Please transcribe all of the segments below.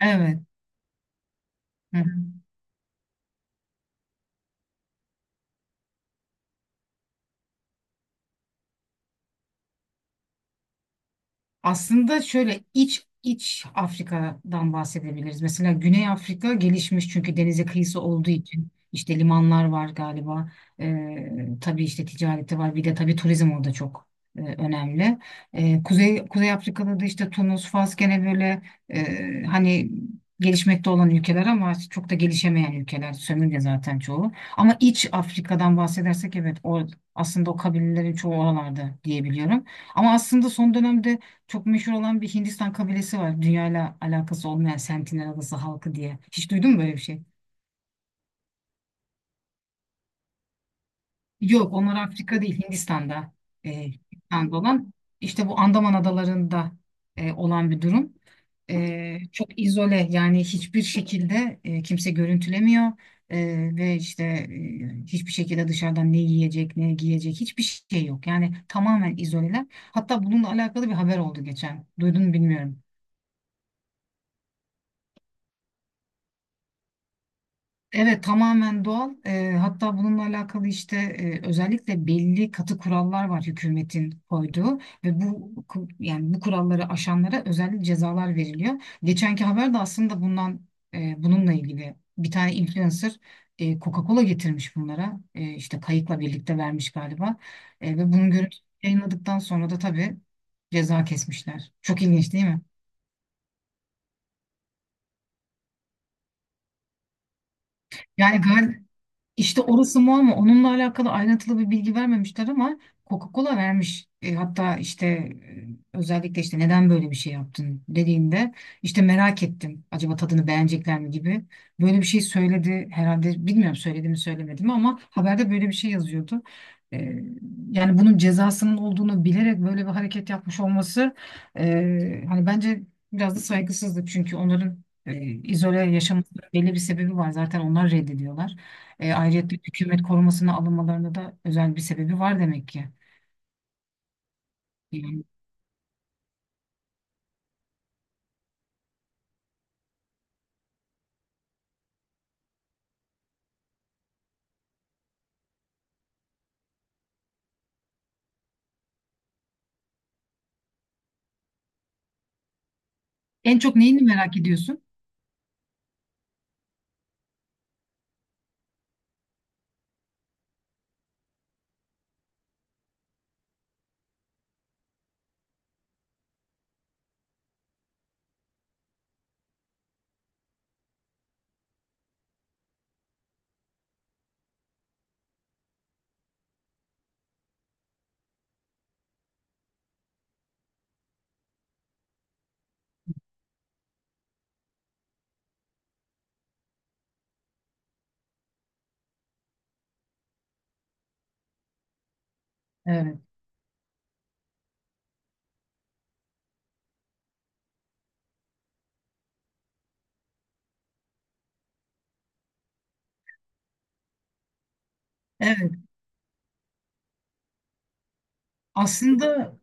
Evet. Hı hı. Aslında şöyle iç Afrika'dan bahsedebiliriz. Mesela Güney Afrika gelişmiş çünkü denize kıyısı olduğu için işte limanlar var galiba. Ee, tabii işte ticareti var. Bir de tabii turizm orada çok önemli. Kuzey Afrika'da da işte Tunus, Fas gene böyle e, hani gelişmekte olan ülkeler ama çok da gelişemeyen ülkeler. Sömürge zaten çoğu. Ama iç Afrika'dan bahsedersek evet o aslında o kabilelerin çoğu oralarda diyebiliyorum. Ama aslında son dönemde çok meşhur olan bir Hindistan kabilesi var. Dünyayla alakası olmayan Sentinel Adası halkı diye. Hiç duydun mu böyle bir şey? Yok, onlar Afrika değil, Hindistan'da. Hindistan'da olan işte bu Andaman adalarında olan bir durum. Çok izole yani hiçbir şekilde kimse görüntülemiyor. E, Ve işte hiçbir şekilde dışarıdan ne yiyecek ne giyecek hiçbir şey yok. Yani tamamen izoleler. Hatta bununla alakalı bir haber oldu geçen. Duydun mu bilmiyorum. Evet tamamen doğal. Hatta bununla alakalı işte özellikle belli katı kurallar var hükümetin koyduğu ve bu ku- yani bu kuralları aşanlara özel cezalar veriliyor. Geçenki haber de aslında bundan bununla ilgili bir tane influencer Coca-Cola getirmiş bunlara. İşte kayıkla birlikte vermiş galiba. Ve bunun görüntüsü yayınladıktan sonra da tabii ceza kesmişler. Çok ilginç değil mi? Yani gal İşte orası mu ama onunla alakalı ayrıntılı bir bilgi vermemişler ama Coca-Cola vermiş. Hatta işte özellikle işte neden böyle bir şey yaptın dediğinde işte merak ettim. Acaba tadını beğenecekler mi gibi. Böyle bir şey söyledi herhalde bilmiyorum söyledi mi söylemedi mi ama haberde böyle bir şey yazıyordu. E, Yani bunun cezasının olduğunu bilerek böyle bir hareket yapmış olması hani bence biraz da saygısızlık çünkü onların izole yaşaması belli bir sebebi var zaten onlar reddediyorlar. Ayrıca hükümet korumasına alınmalarında da özel bir sebebi var demek ki. Yani en çok neyini merak ediyorsun? Evet. Evet. Aslında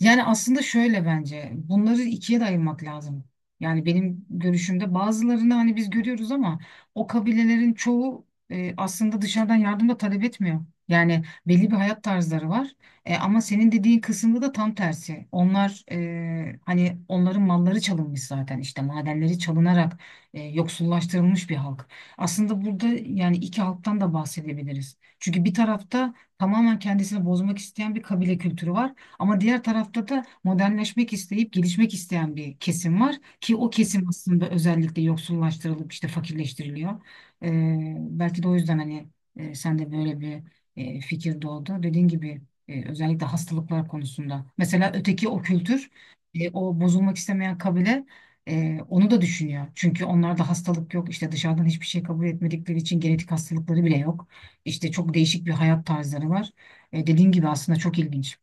Yani aslında şöyle bence bunları ikiye de ayırmak lazım. Yani benim görüşümde bazılarını hani biz görüyoruz ama o kabilelerin çoğu aslında dışarıdan yardım da talep etmiyor. Yani belli bir hayat tarzları var. Ama senin dediğin kısımda da tam tersi. Onlar hani onların malları çalınmış zaten işte madenleri çalınarak yoksullaştırılmış bir halk. Aslında burada yani iki halktan da bahsedebiliriz. Çünkü bir tarafta tamamen kendisini bozmak isteyen bir kabile kültürü var. Ama diğer tarafta da modernleşmek isteyip gelişmek isteyen bir kesim var ki o kesim aslında özellikle yoksullaştırılıp işte fakirleştiriliyor. Belki de o yüzden hani sen de böyle bir fikir doğdu. Dediğin gibi özellikle hastalıklar konusunda. Mesela öteki o kültür, o bozulmak istemeyen kabile onu da düşünüyor. Çünkü onlarda hastalık yok. İşte dışarıdan hiçbir şey kabul etmedikleri için genetik hastalıkları bile yok. İşte çok değişik bir hayat tarzları var. Dediğin gibi aslında çok ilginç.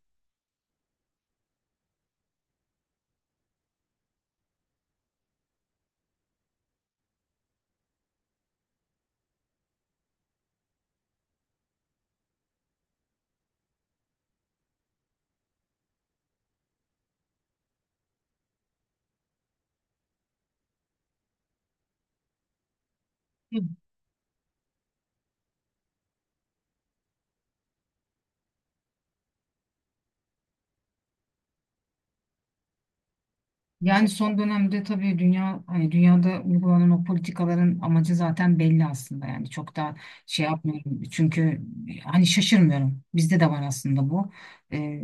Yani son dönemde tabii dünya hani dünyada uygulanan o politikaların amacı zaten belli aslında yani çok da şey yapmıyorum çünkü hani şaşırmıyorum bizde de var aslında bu. Ee,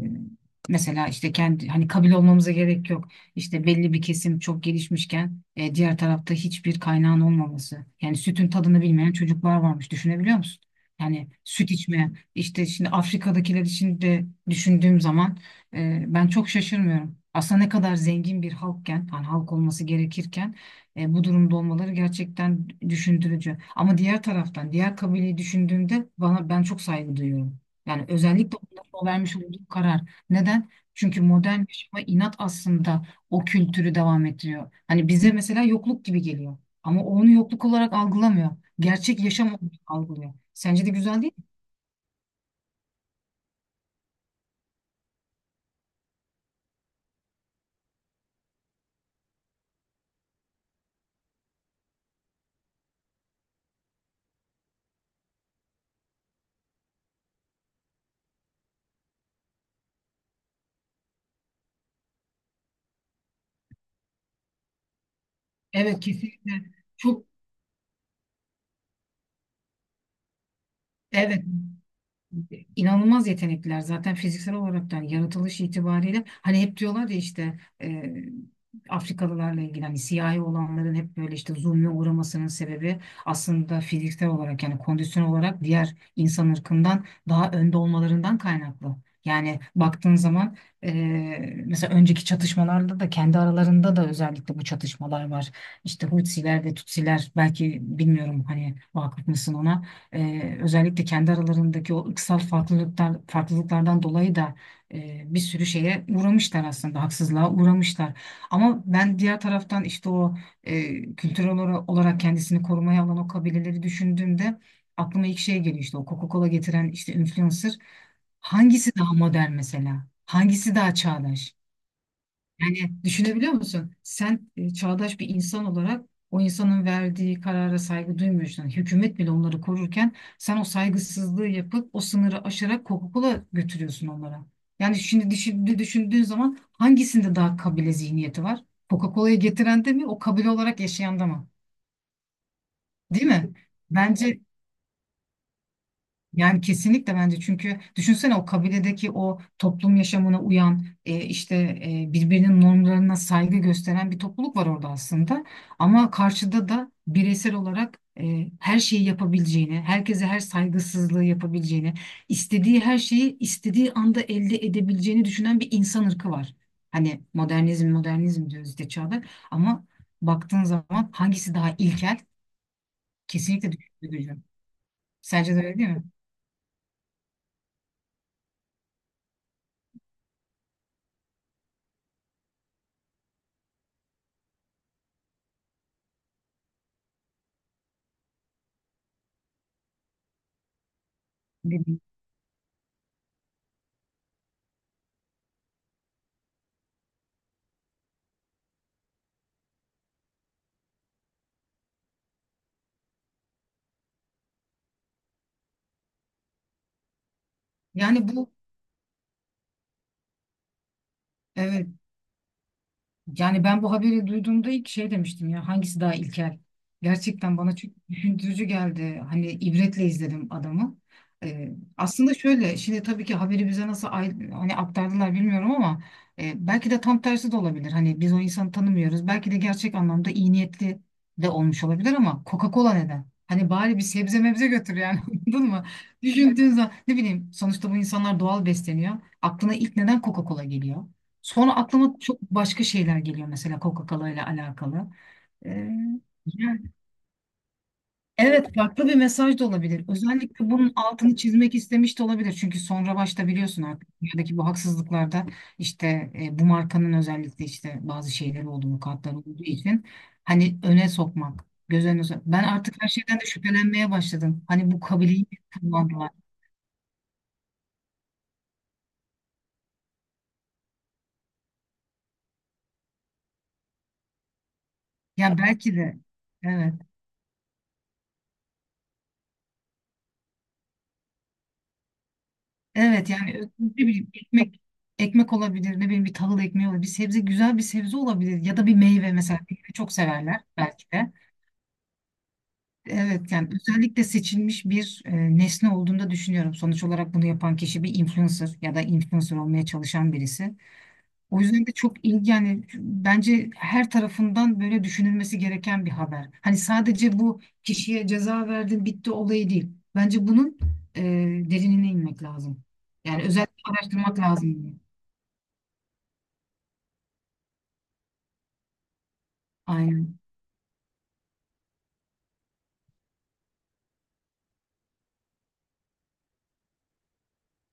Mesela işte kendi hani kabile olmamıza gerek yok işte belli bir kesim çok gelişmişken diğer tarafta hiçbir kaynağın olmaması yani sütün tadını bilmeyen çocuklar varmış düşünebiliyor musun? Yani süt içmeyen işte şimdi Afrika'dakiler için de düşündüğüm zaman ben çok şaşırmıyorum. Aslında ne kadar zengin bir halkken, hani halk olması gerekirken bu durumda olmaları gerçekten düşündürücü. Ama diğer taraftan, diğer kabileyi düşündüğümde ben çok saygı duyuyorum. Yani özellikle onların o vermiş olduğu karar. Neden? Çünkü modern yaşama inat aslında o kültürü devam ettiriyor. Hani bize mesela yokluk gibi geliyor. Ama o onu yokluk olarak algılamıyor. Gerçek yaşam olarak algılıyor. Sence de güzel değil mi? Evet kesinlikle. Çok evet inanılmaz yetenekliler zaten fiziksel olarak da yani yaratılış itibariyle hani hep diyorlar ya işte e, Afrikalılarla ilgili hani siyahi olanların hep böyle işte zulme uğramasının sebebi aslında fiziksel olarak yani kondisyon olarak diğer insan ırkından daha önde olmalarından kaynaklı. Yani baktığın zaman e, mesela önceki çatışmalarda da kendi aralarında da özellikle bu çatışmalar var. İşte Hutsiler ve Tutsiler belki bilmiyorum hani vakıf mısın ona. Özellikle kendi aralarındaki o ırksal farklılıklardan dolayı da bir sürü şeye uğramışlar aslında, haksızlığa uğramışlar. Ama ben diğer taraftan işte o kültürel olarak kendisini korumaya alan o kabileleri düşündüğümde aklıma ilk şey geliyor işte o Coca-Cola getiren işte influencer. Hangisi daha modern mesela? Hangisi daha çağdaş? Yani düşünebiliyor musun? Sen çağdaş bir insan olarak o insanın verdiği karara saygı duymuyorsun. Yani hükümet bile onları korurken sen o saygısızlığı yapıp o sınırı aşarak Coca-Cola götürüyorsun onlara. Yani şimdi düşündüğün zaman hangisinde daha kabile zihniyeti var? Coca-Cola'yı getiren de mi, o kabile olarak yaşayan da mı? Değil mi? Bence Yani kesinlikle bence çünkü düşünsene o kabiledeki o toplum yaşamına uyan birbirinin normlarına saygı gösteren bir topluluk var orada aslında. Ama karşıda da bireysel olarak her şeyi yapabileceğini, herkese her saygısızlığı yapabileceğini, istediği her şeyi istediği anda elde edebileceğini düşünen bir insan ırkı var. Hani modernizm diyoruz işte çağda ama baktığın zaman hangisi daha ilkel? Kesinlikle düşünce gücü. Sence de öyle değil mi? Bilmiyorum. Yani bu Evet. Yani ben bu haberi duyduğumda ilk şey demiştim ya hangisi daha ilkel? Gerçekten bana çok düşündürücü geldi. Hani ibretle izledim adamı. Ee, Aslında şöyle şimdi tabii ki haberi bize nasıl hani aktardılar bilmiyorum ama belki de tam tersi de olabilir. Hani biz o insanı tanımıyoruz. Belki de gerçek anlamda iyi niyetli de olmuş olabilir ama Coca-Cola neden? Hani bari bir sebze mebze götür yani anladın mı? Düşündüğün zaman ne bileyim sonuçta bu insanlar doğal besleniyor. Aklına ilk neden Coca-Cola geliyor? Sonra aklıma çok başka şeyler geliyor mesela Coca-Cola ile alakalı. Ee, Yani evet farklı bir mesaj da olabilir. Özellikle bunun altını çizmek istemiş de olabilir. Çünkü sonra başta biliyorsun artık dünyadaki bu haksızlıklarda işte bu markanın özellikle işte bazı şeyleri olduğu, mukatları olduğu için hani öne sokmak, ben artık her şeyden de şüphelenmeye başladım. Hani bu kabiliği kullandılar. Ya belki de evet. Evet yani ne bileyim ekmek olabilir ne bileyim bir tahıl ekmeği olabilir bir sebze güzel bir sebze olabilir ya da bir meyve mesela meyve çok severler belki de. Evet yani özellikle seçilmiş bir nesne olduğunu da düşünüyorum. Sonuç olarak bunu yapan kişi bir influencer ya da influencer olmaya çalışan birisi. O yüzden de çok ilgi yani bence her tarafından böyle düşünülmesi gereken bir haber. Hani sadece bu kişiye ceza verdin bitti olayı değil. Bence bunun e, derinine inmek lazım. Yani özellikle araştırmak lazım. Aynen.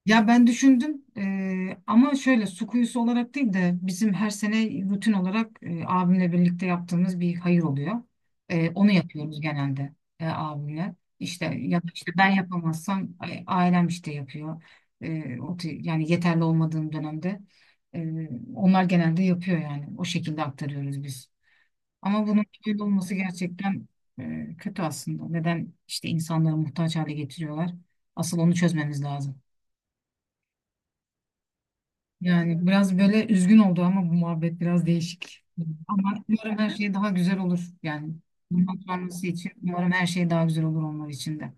Ya ben düşündüm ama şöyle su kuyusu olarak değil de bizim her sene rutin olarak abimle birlikte yaptığımız bir hayır oluyor. Onu yapıyoruz genelde abimle. İşte ya da işte ben yapamazsam ailem işte yapıyor. Yani yeterli olmadığım dönemde eee, onlar genelde yapıyor yani. O şekilde aktarıyoruz biz. Ama bunun böyle olması gerçekten kötü aslında. Neden işte insanları muhtaç hale getiriyorlar? Asıl onu çözmemiz lazım. Yani biraz böyle üzgün oldu ama bu muhabbet biraz değişik. Ama umarım her şey daha güzel olur yani. Bundan sonrası için umarım her şey daha güzel olur onlar için de.